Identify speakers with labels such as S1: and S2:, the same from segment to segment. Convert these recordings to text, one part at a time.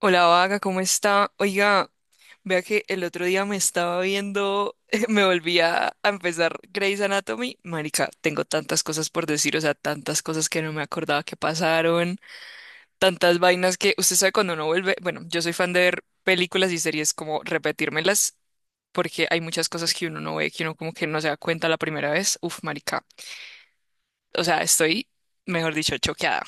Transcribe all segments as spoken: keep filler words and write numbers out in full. S1: Hola Vaga, ¿cómo está? Oiga, vea que el otro día me estaba viendo, me volví a a empezar Grey's Anatomy. Marica, tengo tantas cosas por decir, o sea, tantas cosas que no me acordaba que pasaron, tantas vainas que usted sabe cuando uno vuelve. Bueno, yo soy fan de ver películas y series como repetírmelas porque hay muchas cosas que uno no ve, que uno como que no se da cuenta la primera vez. Uf, marica. O sea, estoy, mejor dicho, choqueada.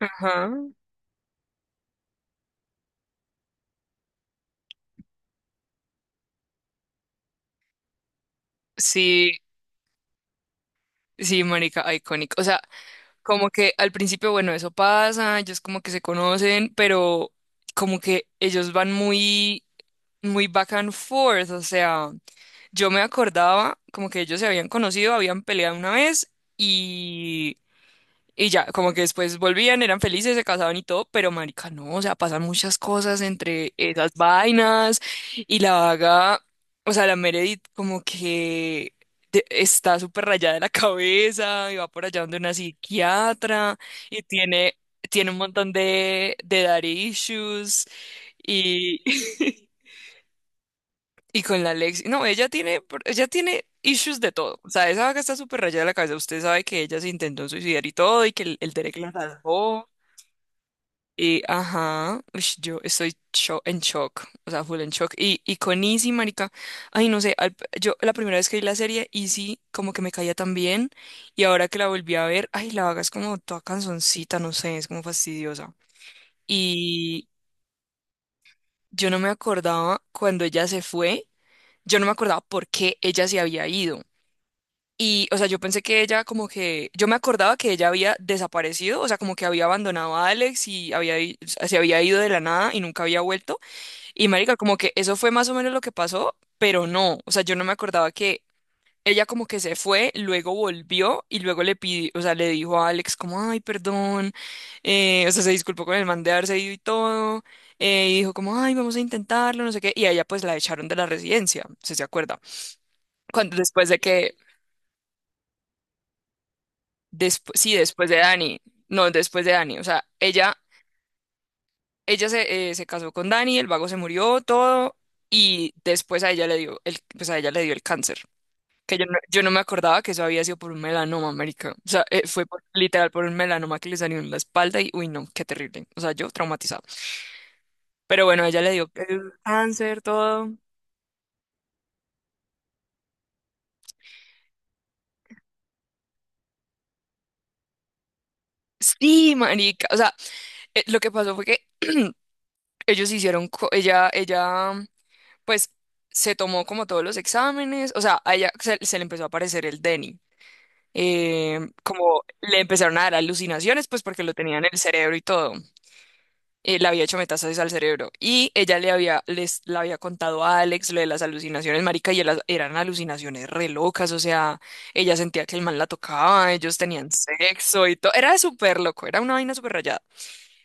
S1: Ajá. Sí, sí, marica, icónico. O sea, como que al principio, bueno, eso pasa, ellos como que se conocen, pero como que ellos van muy, muy back and forth. O sea, yo me acordaba como que ellos se habían conocido, habían peleado una vez y y ya, como que después volvían, eran felices, se casaban y todo. Pero marica, no, o sea, pasan muchas cosas entre esas vainas y la vaga, o sea, la Meredith como que de- está súper rayada de la cabeza y va por allá donde una psiquiatra y tiene, tiene un montón de, de daddy issues y Y con la Lexi, no, ella tiene, pro- ella tiene issues de todo. O sea, esa vaca está súper rayada de la cabeza. Usted sabe que ella se intentó suicidar y todo, y que el, el Derek la salvó. Y ajá, ush, yo estoy cho- en shock, o sea, full en shock. Y, y con Izzy, marica, ay, no sé, al- yo la primera vez que vi la serie, Izzy como que me caía tan bien. Y ahora que la volví a ver, ay, la vaga es como toda canzoncita, no sé, es como fastidiosa. Y yo no me acordaba cuando ella se fue, yo no me acordaba por qué ella se había ido. Y, o sea, yo pensé que ella como que, yo me acordaba que ella había desaparecido, o sea, como que había abandonado a Alex y había, i- se había ido de la nada y nunca había vuelto. Y marica, como que eso fue más o menos lo que pasó, pero no, o sea, yo no me acordaba que ella como que se fue, luego volvió y luego le pidió, o sea, le dijo a Alex como, ay, perdón, eh, o sea, se disculpó con el man de haberse ido y todo, eh, y dijo como, ay, vamos a intentarlo, no sé qué, y a ella pues la echaron de la residencia, si se acuerda cuando después de que. Despu- sí, después de Dani. No, después de Dani. O sea, ella, ella se, eh, se casó con Dani, el vago se murió, todo, y después a ella le dio el, pues a ella le dio el cáncer. Que yo no, yo no me acordaba que eso había sido por un melanoma, marica. O sea, eh, fue por- literal por un melanoma que le salió en la espalda y, uy, no, qué terrible. O sea, yo traumatizado. Pero bueno, a ella le dio el cáncer, todo. Sí, marica. O sea, eh, lo que pasó fue que ellos hicieron, co- ella, ella pues se tomó como todos los exámenes, o sea, a ella se, se le empezó a aparecer el Denny. Eh, como le empezaron a dar alucinaciones, pues porque lo tenía en el cerebro y todo. Eh, le había hecho metástasis al cerebro y ella le había, les, le había contado a Alex lo de las alucinaciones, marica, y elas- eran alucinaciones re locas, o sea, ella sentía que el man la tocaba, ellos tenían sexo y todo, era súper loco, era una vaina súper rayada.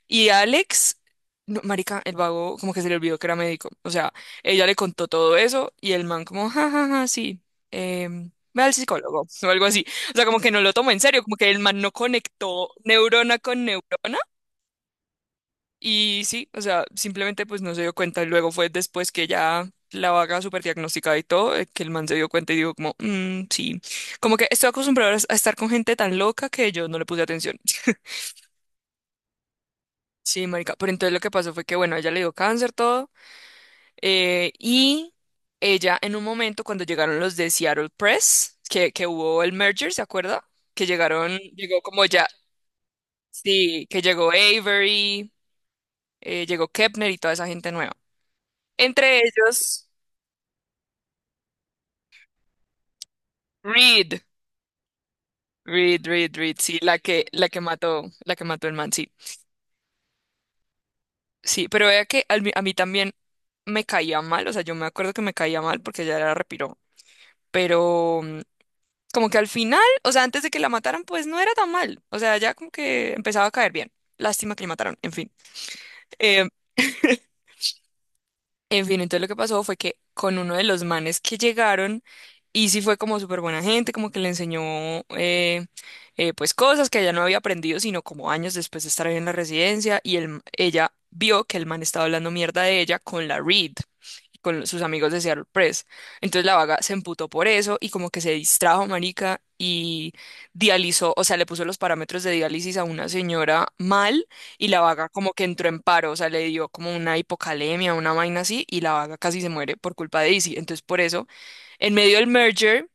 S1: Y Alex, no, marica, el vago como que se le olvidó que era médico. O sea, ella le contó todo eso y el man como, ja, ja, ja, sí, em, ve al psicólogo o algo así. O sea, como que no lo tomó en serio, como que el man no conectó neurona con neurona. Y sí, o sea, simplemente pues no se dio cuenta. Y luego fue después que ya la vaga súper diagnosticada y todo, eh, que el man se dio cuenta y dijo como, "Mm, sí, como que estoy acostumbrado a estar con gente tan loca que yo no le puse atención." Sí, marica, pero entonces lo que pasó fue que, bueno, a ella le dio cáncer, todo. Eh, y ella en un momento cuando llegaron los de Seattle Press, que, que hubo el merger, ¿se acuerda? Que llegaron, llegó como ya, sí, que llegó Avery, eh, llegó Kepner y toda esa gente nueva. Entre ellos, Reed, Reed, Reed, Reed, sí, la que, la que mató, la que mató el man, sí. Sí, pero vea que al mi- a mí también me caía mal, o sea, yo me acuerdo que me caía mal porque ella era repiro, pero como que al final, o sea, antes de que la mataran, pues no era tan mal. O sea, ya como que empezaba a caer bien. Lástima que la mataron, en fin. Eh, en fin, entonces lo que pasó fue que con uno de los manes que llegaron, Izzy fue como súper buena gente, como que le enseñó eh, eh, pues cosas que ella no había aprendido, sino como años después de estar ahí en la residencia, y el- ella vio que el man estaba hablando mierda de ella con la Reed, con sus amigos de Seattle Press. Entonces la vaga se emputó por eso y como que se distrajo, marica, y dializó, o sea, le puso los parámetros de diálisis a una señora mal y la vaga como que entró en paro. O sea, le dio como una hipocalemia, una vaina así, y la vaga casi se muere por culpa de Izzy. Entonces, por eso, en medio del merger,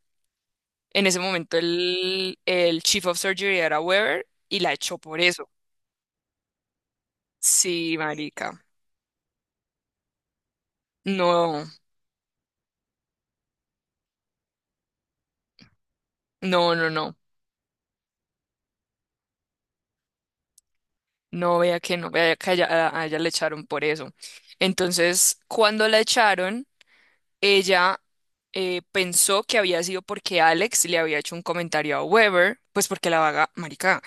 S1: en ese momento el, el Chief of Surgery era Weber y la echó por eso. Sí, marica. No, no, no, no. No vea que no, vea que a ella, a- a ella le echaron por eso. Entonces, cuando la echaron, ella eh, pensó que había sido porque Alex le había hecho un comentario a Weber, pues porque la vaga, marica.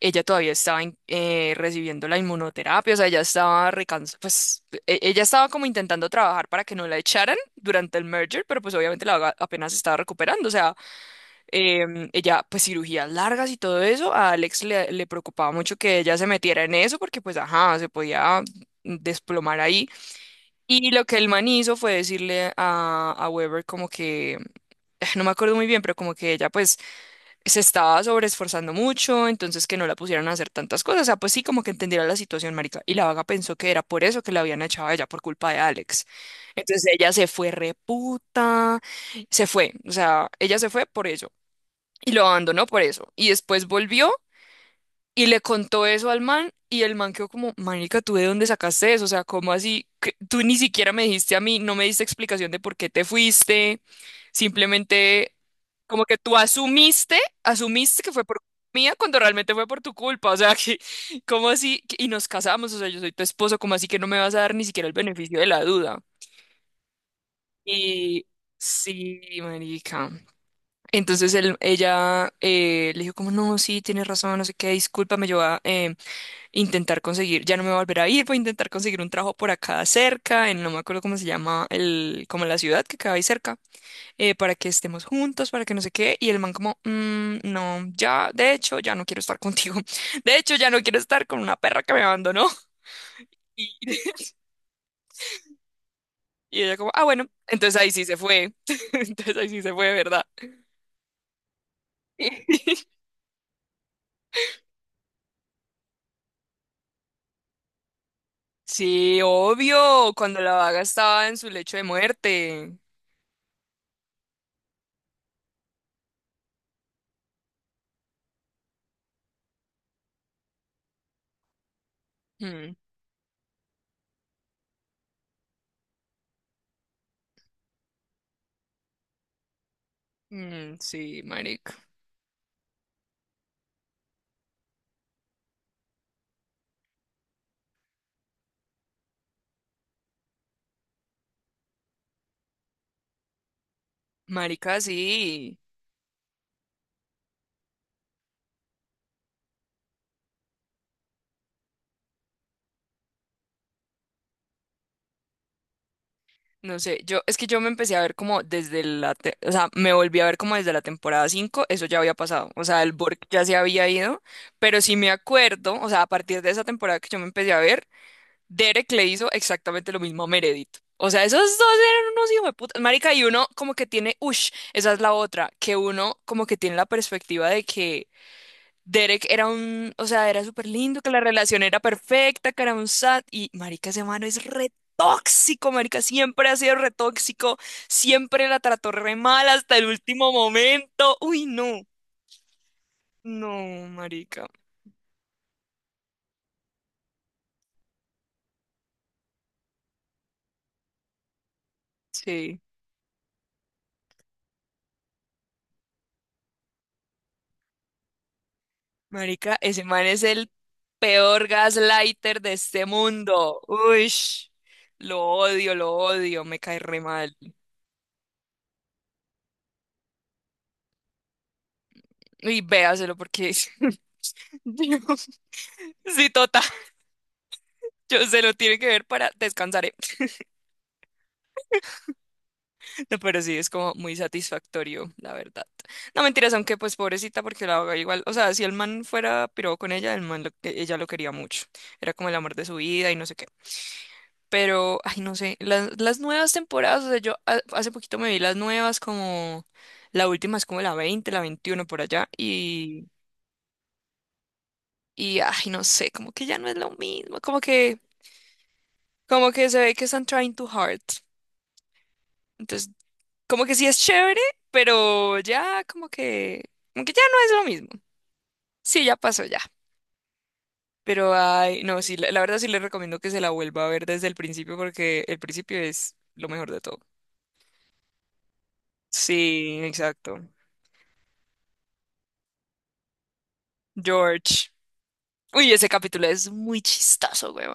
S1: Ella todavía estaba in- eh, recibiendo la inmunoterapia, o sea, ella estaba recansada, pues e- ella estaba como intentando trabajar para que no la echaran durante el merger, pero pues obviamente la vaga apenas se estaba recuperando, o sea, em, ella pues cirugías largas y todo eso, a Alex le, le preocupaba mucho que ella se metiera en eso porque pues ajá, se podía desplomar ahí. Y lo que el man hizo fue decirle a, a Weber como que, eh, no me acuerdo muy bien, pero como que ella pues se estaba sobreesforzando mucho, entonces que no la pusieran a hacer tantas cosas. O sea, pues sí, como que entendiera la situación, marica. Y la vaga pensó que era por eso que la habían echado a ella, por culpa de Alex. Entonces ella se fue reputa, se fue. O sea, ella se fue por ello. Y lo abandonó por eso. Y después volvió y le contó eso al man y el man quedó como, marica, ¿tú de dónde sacaste eso? O sea, ¿cómo así? Que tú ni siquiera me dijiste a mí, no me diste explicación de por qué te fuiste. Simplemente como que tú asumiste, asumiste que fue por mía cuando realmente fue por tu culpa. O sea, que, ¿cómo así? Que- Y nos casamos, o sea, yo soy tu esposo, ¿cómo así que no me vas a dar ni siquiera el beneficio de la duda? Y sí, marica. Entonces él, ella eh, le dijo como, no, sí, tienes razón, no sé qué, discúlpame, yo ah, em, intentar conseguir, ya no me volverá a ir, voy a intentar conseguir un trabajo por acá cerca, en no me acuerdo cómo se llama, el, como la ciudad que queda ahí cerca, eh, para que estemos juntos, para que no sé qué, y el man como, "Mm, no, ya, de hecho, ya no quiero estar contigo, de hecho, ya no quiero estar con una perra que me abandonó, y, y ella como, ah, bueno, entonces ahí sí se fue, entonces ahí sí se fue, ¿de verdad?" Sí, obvio, cuando la vaga estaba en su lecho de muerte. Mm, mm, sí, marica. Marica, sí. No sé, yo, es que yo me empecé a ver como desde la, te- o sea, me volví a ver como desde la temporada cinco eso ya había pasado, o sea, el Borg ya se había ido, pero sí me acuerdo, o sea, a partir de esa temporada que yo me empecé a ver, Derek le hizo exactamente lo mismo a Meredith. O sea, esos dos eran unos hijos de puta, marica, y uno como que tiene, ush, esa es la otra, que uno como que tiene la perspectiva de que Derek era un, o sea, era súper lindo, que la relación era perfecta, que era un sat, y marica, ese mano es re tóxico, marica, siempre ha sido re tóxico, siempre la trató re mal hasta el último momento. Uy, no, no, marica, sí, marica, ese man es el peor gaslighter de este mundo. Uy, lo odio, lo odio, me cae re mal. Y véaselo porque. Dios, sí, tota, yo se lo tiene que ver para descansar, ¿eh? No, pero sí, es como muy satisfactorio, la verdad. No, mentiras, aunque pues pobrecita, porque la haga igual. O sea, si el man fuera piró con ella, el man lo- e, ella lo quería mucho. Era como el amor de su vida y no sé qué. Pero, ay, no sé, las, las nuevas temporadas, o sea, yo ha- hace poquito me vi las nuevas, como la última es como la veinte, la veintiuno por allá, y, y, ay, no sé, como que ya no es lo mismo, como que, como que, se ve que están trying too hard. Entonces, como que sí es chévere, pero ya como que, como que ya no es lo mismo. Sí, ya pasó ya. Pero ay, no, sí, la, la verdad sí les recomiendo que se la vuelva a ver desde el principio porque el principio es lo mejor de todo. Sí, exacto. George. Uy, ese capítulo es muy chistoso, güey.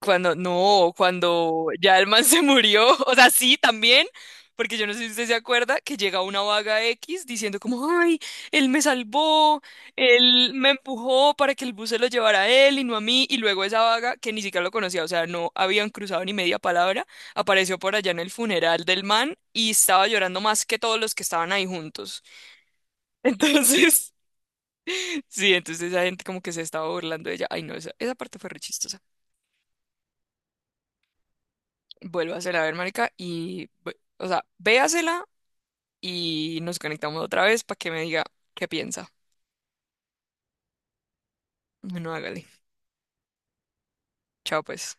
S1: Cuando, no, cuando ya el man se murió, o sea, sí, también, porque yo no sé si usted se acuerda que llega una vaga X diciendo como, ay, él me salvó, él me empujó para que el bus se lo llevara a él y no a mí, y luego esa vaga, que ni siquiera lo conocía, o sea, no habían cruzado ni media palabra, apareció por allá en el funeral del man y estaba llorando más que todos los que estaban ahí juntos. Entonces, sí, entonces esa gente como que se estaba burlando de ella. Ay, no, esa, esa parte fue re chistosa. Vuélvasela a ver, marica, y, ve- o sea, véasela y nos conectamos otra vez para que me diga qué piensa. Bueno, hágale. Chao, pues.